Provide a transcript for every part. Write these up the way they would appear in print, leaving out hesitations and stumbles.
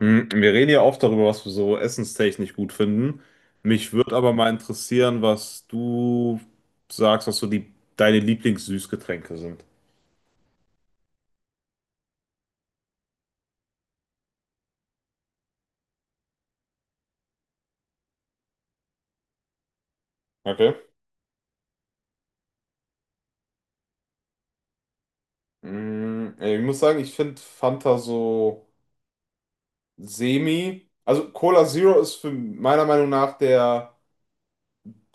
Wir reden ja oft darüber, was wir so essenstechnisch gut finden. Mich würde aber mal interessieren, was du sagst, was so deine Lieblingssüßgetränke sind. Okay. Ich muss sagen, ich finde Fanta so semi. Also Cola Zero ist für meiner Meinung nach der,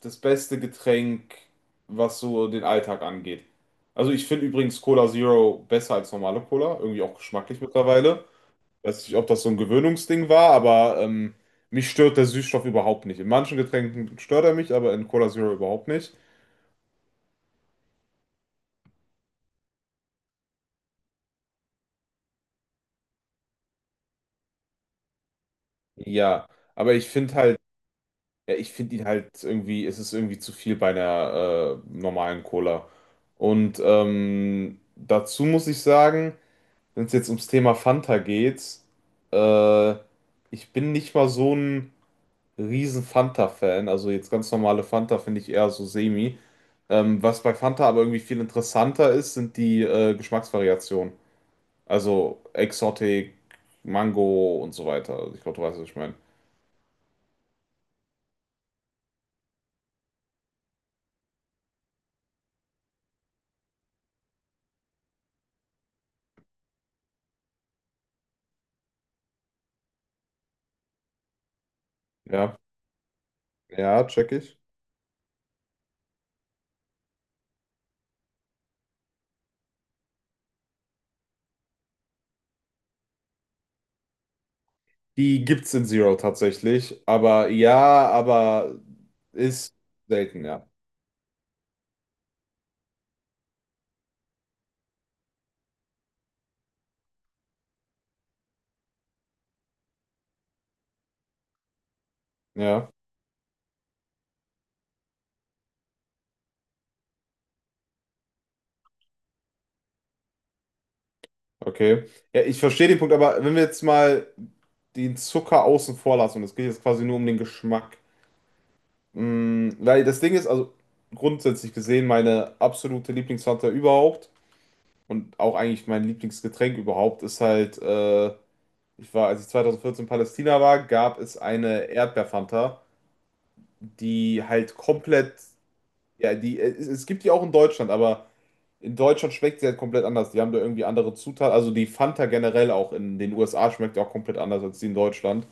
das beste Getränk, was so den Alltag angeht. Also ich finde übrigens Cola Zero besser als normale Cola, irgendwie auch geschmacklich mittlerweile. Weiß nicht, ob das so ein Gewöhnungsding war, aber mich stört der Süßstoff überhaupt nicht. In manchen Getränken stört er mich, aber in Cola Zero überhaupt nicht. Ja, aber ich finde halt, ja, ich finde ihn halt irgendwie, es ist irgendwie zu viel bei einer normalen Cola. Und dazu muss ich sagen, wenn es jetzt ums Thema Fanta geht, äh, ich bin nicht mal so ein riesen Fanta-Fan. Also jetzt ganz normale Fanta finde ich eher so semi. Was bei Fanta aber irgendwie viel interessanter ist, sind die Geschmacksvariationen. Also Exotic, Mango und so weiter. Also ich glaube, du weißt, was ich meine. Ja, ja, check ich. Die gibt's in Zero tatsächlich, aber ja, aber ist selten, ja. Ja, okay. Ja, ich verstehe den Punkt, aber wenn wir jetzt mal den Zucker außen vor lassen, und es geht jetzt quasi nur um den Geschmack. Weil das Ding ist, also grundsätzlich gesehen, meine absolute Lieblingsfanta überhaupt. Und auch eigentlich mein Lieblingsgetränk überhaupt ist halt, ich war, als ich 2014 in Palästina war, gab es eine Erdbeerfanta, die halt komplett, ja, es gibt die auch in Deutschland, aber in Deutschland schmeckt sie halt komplett anders. Die haben da irgendwie andere Zutaten. Also die Fanta generell auch in den USA schmeckt ja auch komplett anders als die in Deutschland.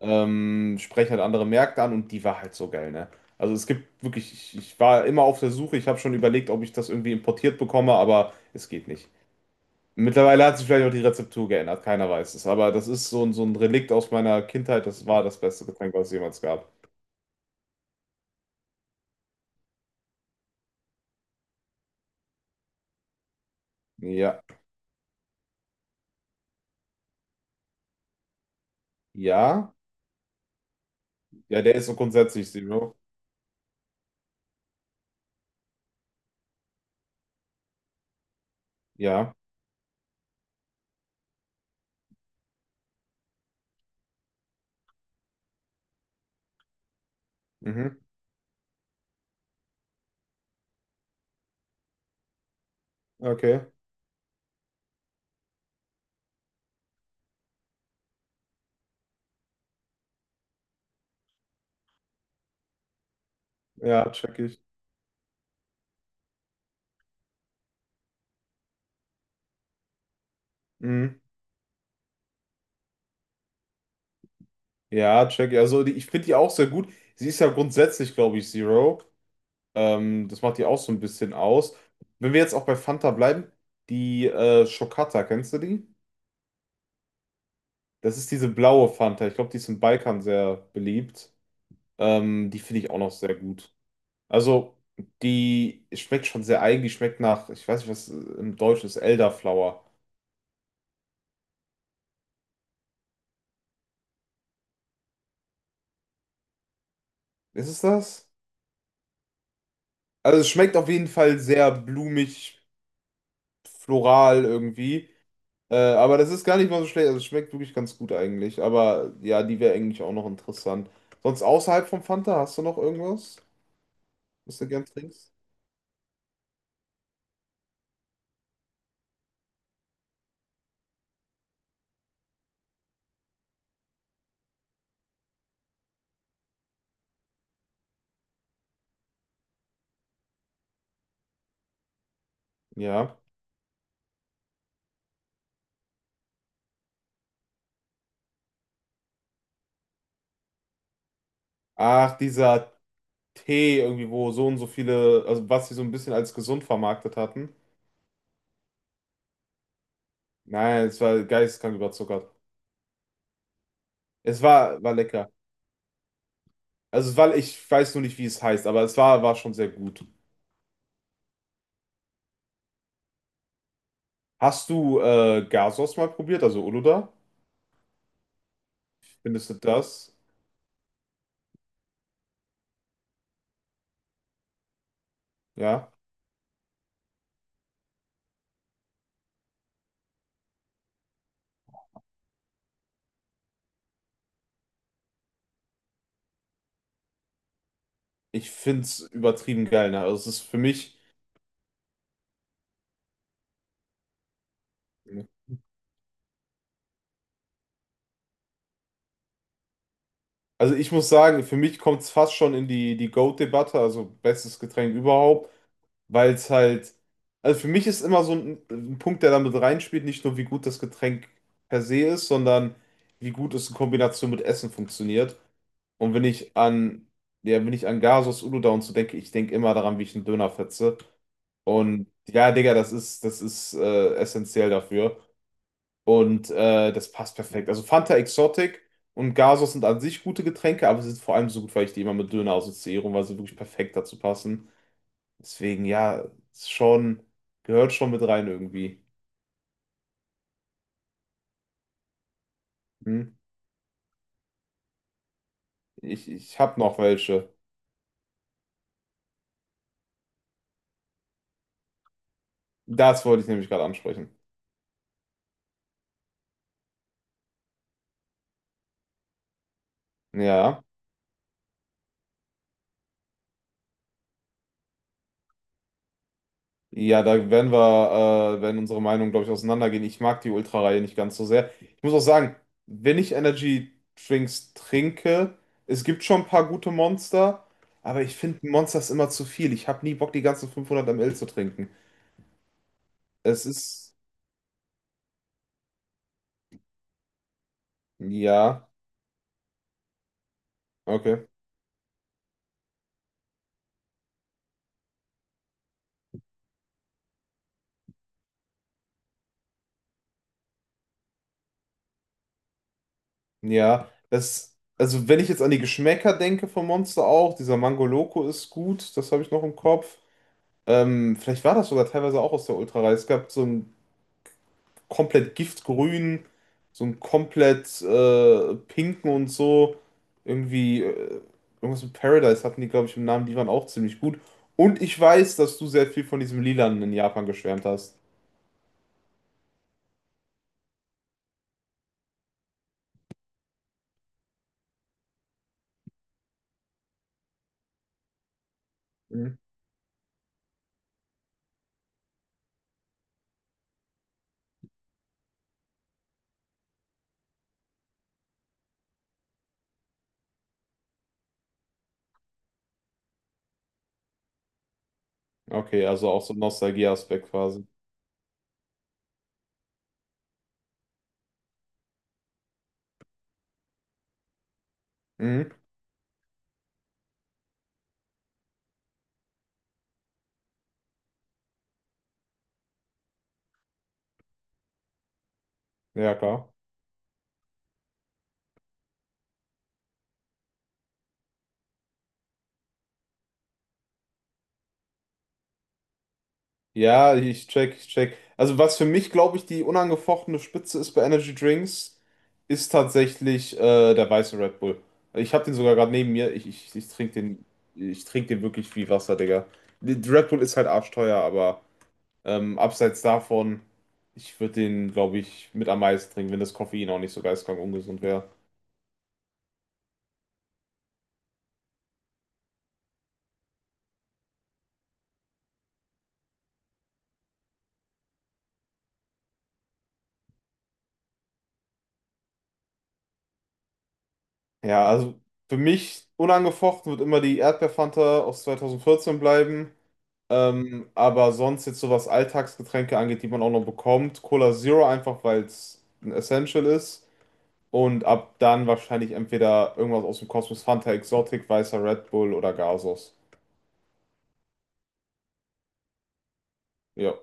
Sprechen halt andere Märkte an und die war halt so geil, ne? Also es gibt wirklich, ich war immer auf der Suche, ich habe schon überlegt, ob ich das irgendwie importiert bekomme, aber es geht nicht. Mittlerweile hat sich vielleicht auch die Rezeptur geändert, keiner weiß es. Aber das ist so ein Relikt aus meiner Kindheit. Das war das beste Getränk, was es jemals gab. Ja. Ja? Ja, der ist so grundsätzlich Zero. Ja. Mhm. Okay. Ja, check ich. Mhm. Ja, check ich. Also die, ich finde die auch sehr gut. Sie ist ja grundsätzlich, glaube ich, Zero. Das macht die auch so ein bisschen aus. Wenn wir jetzt auch bei Fanta bleiben, die Schokata, kennst du die? Das ist diese blaue Fanta. Ich glaube, die ist im Balkan sehr beliebt. Die finde ich auch noch sehr gut. Also, die schmeckt schon sehr eigen. Die schmeckt nach, ich weiß nicht, was im Deutsch ist, Elderflower. Ist es das? Also, es schmeckt auf jeden Fall sehr blumig, floral irgendwie. Aber das ist gar nicht mal so schlecht. Also, es schmeckt wirklich ganz gut eigentlich. Aber ja, die wäre eigentlich auch noch interessant. Sonst außerhalb vom Fanta, hast du noch irgendwas, was du gern trinkst? Ja. Ach, dieser Tee irgendwie, wo so und so viele, also was sie so ein bisschen als gesund vermarktet hatten. Nein, es war geisteskrank überzuckert. Es war, war lecker. Also, weil ich weiß nur nicht, wie es heißt, aber es war, war schon sehr gut. Hast du Gasos mal probiert, also Uluda? Findest du das? Ja. Ich find's übertrieben geil, ne? Also, es ist für mich, also ich muss sagen, für mich kommt's fast schon in die GOAT-Debatte, also bestes Getränk überhaupt. Weil es halt, also für mich ist immer so ein Punkt, der damit reinspielt, nicht nur wie gut das Getränk per se ist, sondern wie gut es in Kombination mit Essen funktioniert. Und wenn ich an, ja, wenn ich an Gasos Uludağ und so denke, ich denke immer daran, wie ich einen Döner fetze. Und ja, Digga, das ist essentiell dafür. Und das passt perfekt. Also Fanta Exotic und Gasos sind an sich gute Getränke, aber sie sind vor allem so gut, weil ich die immer mit Döner assoziiere, und weil sie wirklich perfekt dazu passen. Deswegen, ja, ist schon, gehört schon mit rein irgendwie. Hm? Ich habe noch welche. Das wollte ich nämlich gerade ansprechen. Ja. Ja, da werden werden unsere Meinungen, glaube ich, auseinandergehen. Ich mag die Ultra-Reihe nicht ganz so sehr. Ich muss auch sagen, wenn ich Energy Drinks trinke, es gibt schon ein paar gute Monster, aber ich finde Monsters immer zu viel. Ich habe nie Bock, die ganzen 500 ml zu trinken. Es ist, ja, okay. Ja, das, also wenn ich jetzt an die Geschmäcker denke vom Monster auch, dieser Mango Loco ist gut, das habe ich noch im Kopf. Vielleicht war das sogar teilweise auch aus der Ultra-Reihe. Es gab so einen komplett giftgrünen, so einen komplett pinken und so. Irgendwie, äh, irgendwas mit Paradise hatten die, glaube ich, im Namen, die waren auch ziemlich gut. Und ich weiß, dass du sehr viel von diesem Lilanen in Japan geschwärmt hast. Mhm. Okay, also auch so ein Nostalgie-Aspekt quasi. Mhm. Ja, klar. Ja, ich check, ich check. Also was für mich, glaube ich, die unangefochtene Spitze ist bei Energy Drinks, ist tatsächlich der weiße Red Bull. Ich habe den sogar gerade neben mir. Ich trinke den wirklich wie Wasser, Digga. Die Red Bull ist halt arschteuer, aber abseits davon, ich würde den, glaube ich, mit am meisten trinken, wenn das Koffein auch nicht so geistkrank ungesund wäre. Ja, also für mich unangefochten wird immer die Erdbeerfanta aus 2014 bleiben. Aber sonst jetzt so was Alltagsgetränke angeht, die man auch noch bekommt, Cola Zero einfach, weil es ein Essential ist. Und ab dann wahrscheinlich entweder irgendwas aus dem Kosmos, Fanta Exotic, weißer Red Bull oder Gasos. Ja.